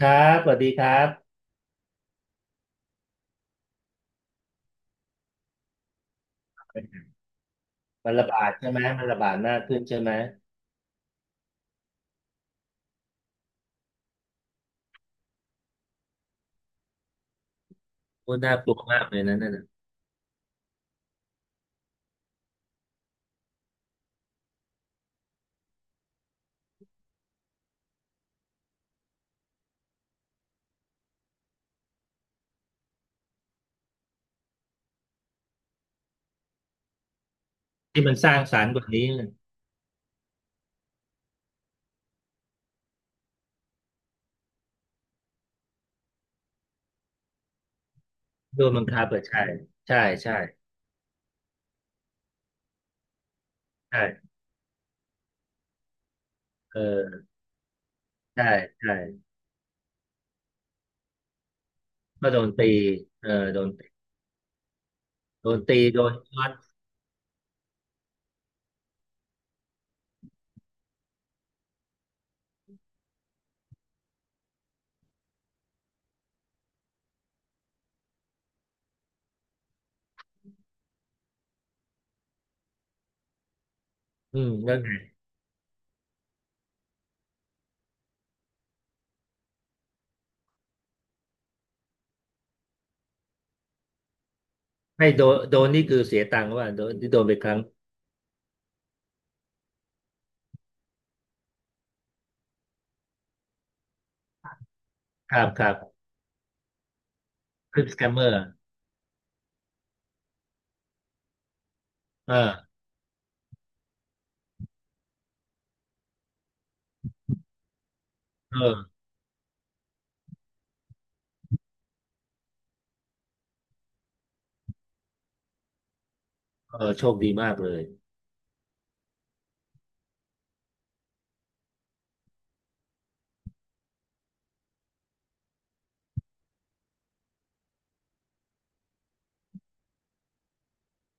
ครับสวัสดีครับมันระบาดใช่ไหมมันระบาดมากขึ้นใช่ไหมโอ้น่ากลัวมากเลยนะนั่นน่ะที่มันสร้างสรรค์กว่านี้โดนบังคับเปิดใช่ใช่ใช่ใช่เออใช่ใช่ก็โดนตีเออโดนตีโดนตีโดนช็อตอืมแล้วไงไม่โดนโดนนี่คือเสียตังค์ว่าโดนที่โดนไปครั้งครับครับคลิปสแกมเมอร์เออเออเออโชคดีมากเลย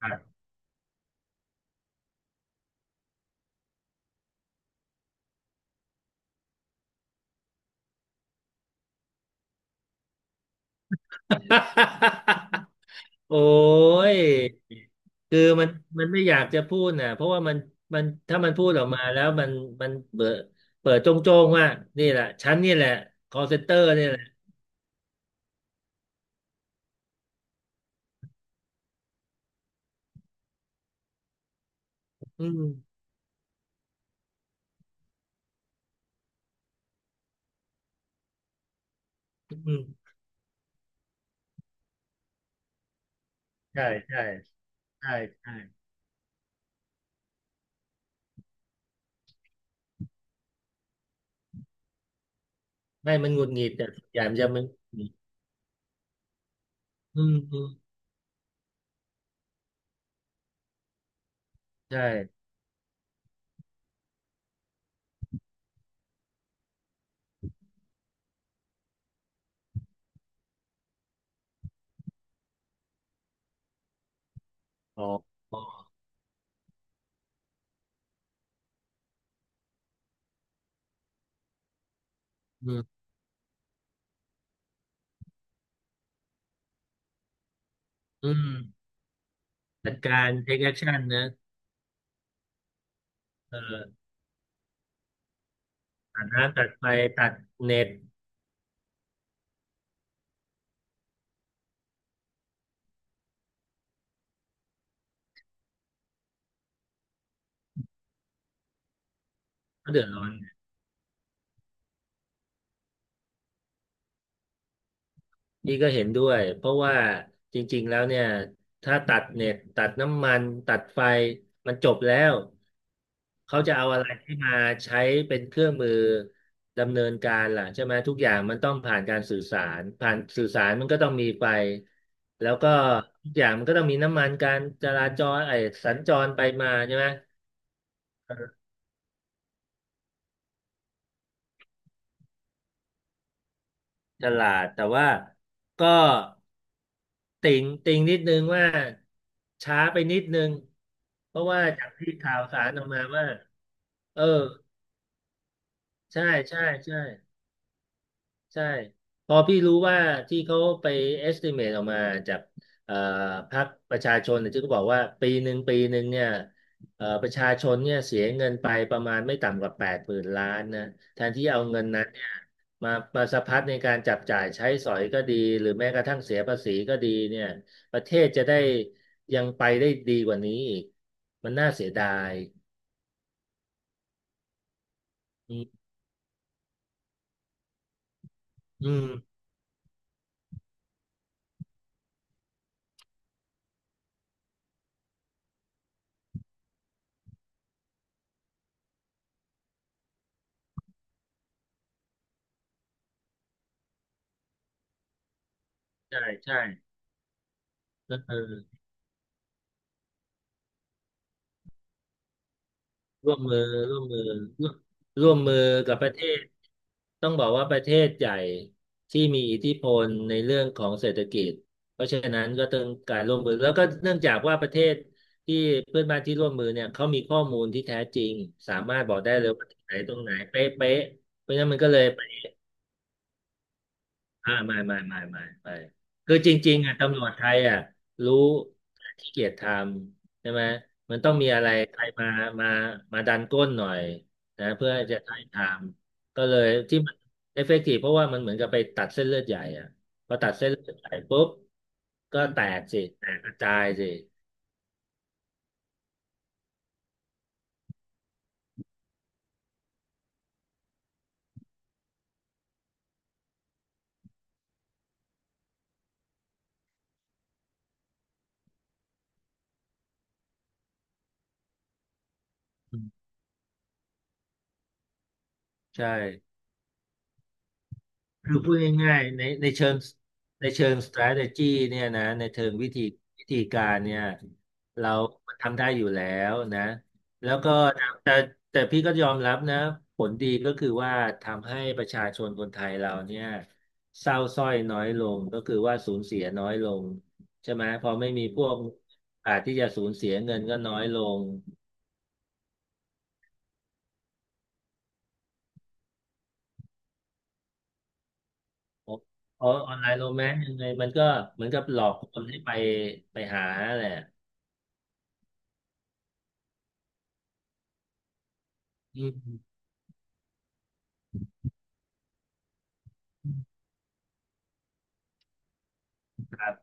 ครับ โอ้ยคือมันไม่อยากจะพูดน่ะเพราะว่ามันถ้ามันพูดออกมาแล้วมันเปิดโจ้งๆว่านี่แหละฉันนี่แหละคอลเซ็นเตอร์นี่แหละอืมอืมใช่ใช่ใช่ใช่ไม่มันหงุดหงิดแต่ส่วนใหญ่มันจะมันหงุดหงิดอืมอืมใช่อ๋อกอ๋อกอืมอืมจัดการ take action นะเออตัดน้ำตัดไฟตัดเน็ตก็เดือดร้อน นี่ก็เห็นด้วยเพราะว่าจริงๆแล้วเนี่ยถ้าตัดเน็ตตัดน้ำมันตัดไฟมันจบแล้วเขาจะเอาอะไรที่มาใช้เป็นเครื่องมือดำเนินการล่ะใช่ไหมทุกอย่างมันต้องผ่านการสื่อสารผ่านสื่อสารมันก็ต้องมีไฟแล้วก็ทุกอย่างมันก็ต้องมีน้ำมันการจราจรไอ้สัญจรไปมาใช่ไหม ฉลาดแต่ว่าก็ติ่งนิดนึงว่าช้าไปนิดนึงเพราะว่าจากที่ข่าวสารออกมาว่าเออใช่ใช่ใช่ ใช่พอพี่รู้ว่าที่เขาไป estimate ออกมาจากเอ่อพรรคประชาชนเนี่ยที่เขาบอกว่าปีหนึ่งปีหนึ่งเนี่ยประชาชนเนี่ยเสียเงินไปประมาณไม่ต่ำกว่าแปดหมื่นล้านนะแทนที่เอาเงินนั้นเนี่ยมามาสะพัดในการจับจ่ายใช้สอยก็ดีหรือแม้กระทั่งเสียภาษีก็ดีเนี่ยประเทศจะได้ยังไปได้ดีกว่านี้อีกมันน่าเสียดายอืมอืมใช่ใช่เออ ร่วมมือร่วมมือร่วมร่วมมือกับประเทศต้องบอกว่าประเทศใหญ่ที่มีอิทธิพลในเรื่องของเศรษฐกิจเพราะฉะนั้นก็ต้องการร่วมมือแล้วก็เนื่องจากว่าประเทศที่เพื่อนบ้านที่ร่วมมือเนี่ยเขามีข้อมูลที่แท้จริงสามารถบอกได้เลยว่าที่ไหนตรงไหนเป๊ะๆเพราะฉะนั้นมันก็เลย อ่าไม่ไม่ไม่ไม่ไม่คือจริงๆอ่ะตำรวจไทยอ่ะรู้ขี้เกียจทำใช่ไหมมันต้องมีอะไรใครมามามาดันก้นหน่อยนะเพื่อจะได้ทำก็เลยที่มันเอฟเฟกตีฟเพราะว่ามันเหมือนกับไปตัดเส้นเลือดใหญ่อ่ะพอตัดเส้นเลือดใหญ่ปุ๊บก็แตกสิแตกกระจายสิอืมใช่ คือพูดง่ายๆในเชิงในเชิง strategy เนี่ยนะในเชิงวิธีการเนี่ยเราทำได้อยู่แล้วนะแล้วก็แต่แต่แต่พี่ก็ยอมรับนะผลดีก็คือว่าทำให้ประชาชนคนไทยเราเนี่ยเศร้าสร้อยน้อยลงก็คือว่าสูญเสียน้อยลงใช่ไหมพอไม่มีพวกอาจที่จะสูญเสียเงินก็น้อยลงออนไลน์โรแมนต์ยังไงมันก็เหมือนกับหลอกคนให้ไปหาแหละอืมครับ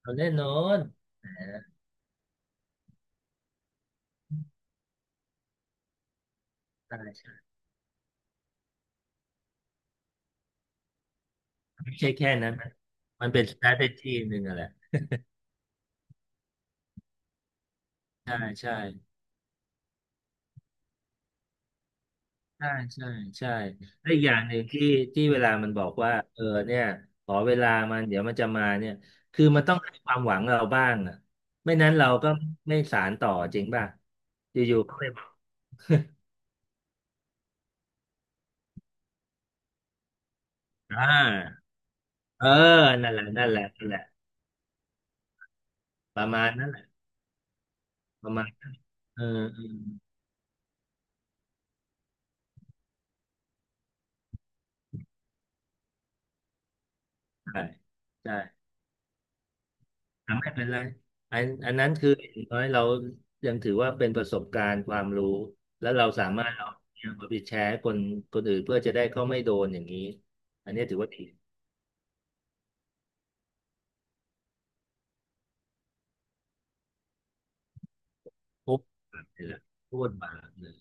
เอาแน่นอนใช่ใช่ไม่ใช่แค่นั้นนะมันเป็น strategy หนึ่งอะแหละใช่ใช่ใช่ใช่ใช่และอีกอย่างหนึ่งที่เวลามันบอกว่าเออเนี่ยขอเวลามันเดี๋ยวมันจะมาเนี่ยคือมันต้องให้ความหวังเราบ้างอ่ะไม่นั้นเราก็ไม่สานต่อจริงป่ะอยู่ๆก็ไปบอกอ่าเออนั่นแหละนั่นแหละนั่นแหละประมาณนั้นแหละประมาณเออเออใช่ใช่ อ่ะไม่เป็นไรอันนั้นคืออย่างน้อยเรายังถือว่าเป็นประสบการณ์ความรู้แล้วเราสามารถเอาเนี่ยมาไปแชร์ให้คนอื่นเพื่อจะได้เขาไม่โดนอย่างนี้อันนี้ถือว่าดีพูดบาปเลยล่ะโทษบาปเลย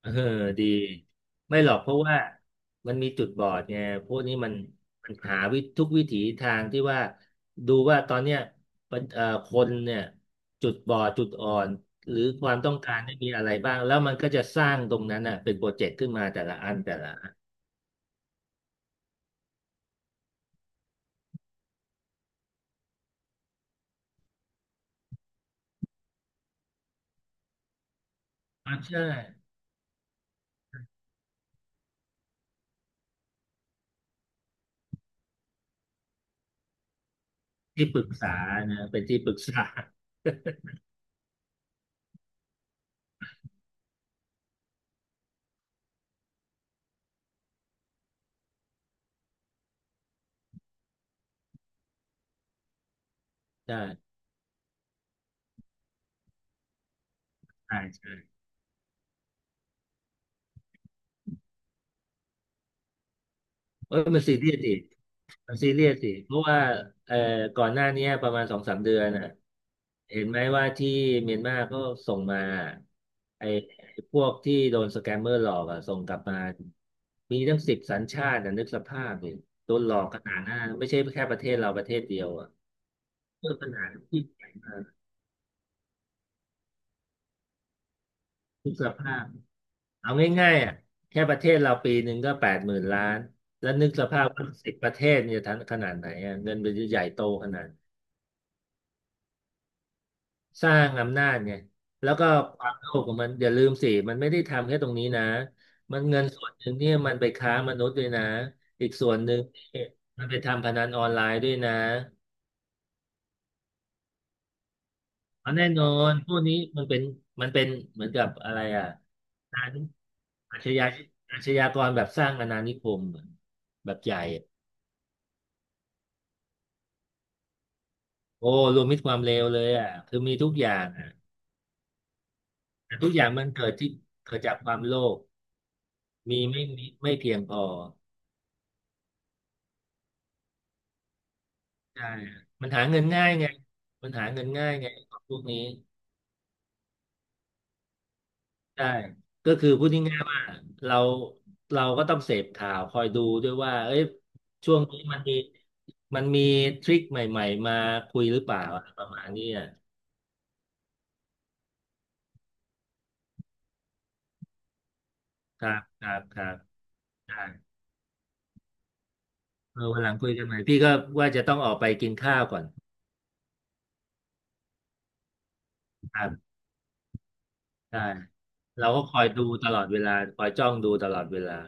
เออดี ไม่หรอกเพราะว่ามันมีจุดบอดไงพวกนี้มันหาวิธทุกวิถีทางที่ว่าดูว่าตอนเนี้ยมันคนเนี่ยจุดบอดจุดอ่อนหรือความต้องการไม่มีอะไรบ้างแล้วมันก็จะสร้างตรงนั้นน่ะเป็นโปรเจกต์ขึ้นมาแต่ละอันแต่ละอันออใช่ที่ปรึกษานะเป็นที่ปรึกษาใช่ใช่ใช่ เอ้ยมันซีเรียสดิมันซีเรียสดิเพราะว่าเอ่อก่อนหน้าเนี้ยประมาณ2-3 เดือนน่ะเห็นไหมว่าที่เมียนมาก็ส่งมาไอ้ไอ้พวกที่โดนสแกมเมอร์หลอกอะส่งกลับมา มีตั้ง10 สัญชาตินะนึกสภาพดิโดนหลอกขนาดนั้นไม่ใช่แค่ประเทศเราประเทศเดียวอะเพื่อขนาดที่ใหญ่มากนึกสภาพเอาง่ายๆอะแค่ประเทศเราปีหนึ่งก็แปดหมื่นล้านแล้วนึกสภาพว่า10 ประเทศเนี่ยทั้งขนาดไหนอะเงินมันจะใหญ่โตขนาด สร้างอำนาจเนี่ยแล้วก็อความโลภของมันอย่าลืมสิมันไม่ได้ทำแค่ตรงนี้นะมันเงินส่วนหนึ่งเนี่ยมันไปค้ามนุษย์ด้วยนะอีกส่วนหนึ่งเนี่ยมันไปทำพนันออนไลน์ด้วยนะเอาแน่นอนพวกนี้มันเป็นมันเป็นเหมือนกับอะไรอ่ะการอาชญาอาชญากรแบบสร้างอาณานิคมแบบใหญ่โอ้รวมมิตรความเลวเลยอ่ะคือมีทุกอย่างอ่ะแต่ทุกอย่างมันเกิดที่เกิดจากความโลภมีไม่มีไม่เพียงพอ ใช่มันหาเงินง่ายไงมันหาเงินง่ายไงของพวกนี้ใช่ก็คือพูดง่ายๆว่าเราเราก็ต้องเสพข่าวคอยดูด้วยว่าเอ้ยช่วงนี้มันมีทริคใหม่ๆมาคุยหรือเปล่าอะไรประมาณนี้อ่ะครับครับครับได้เออวันหลังคุยกันใหม่พี่ก็ว่าจะต้องออกไปกินข้าวก่อนครับได้เราก็คอยดูตลอดเวลาคอยจ้องดูตลอดเวลา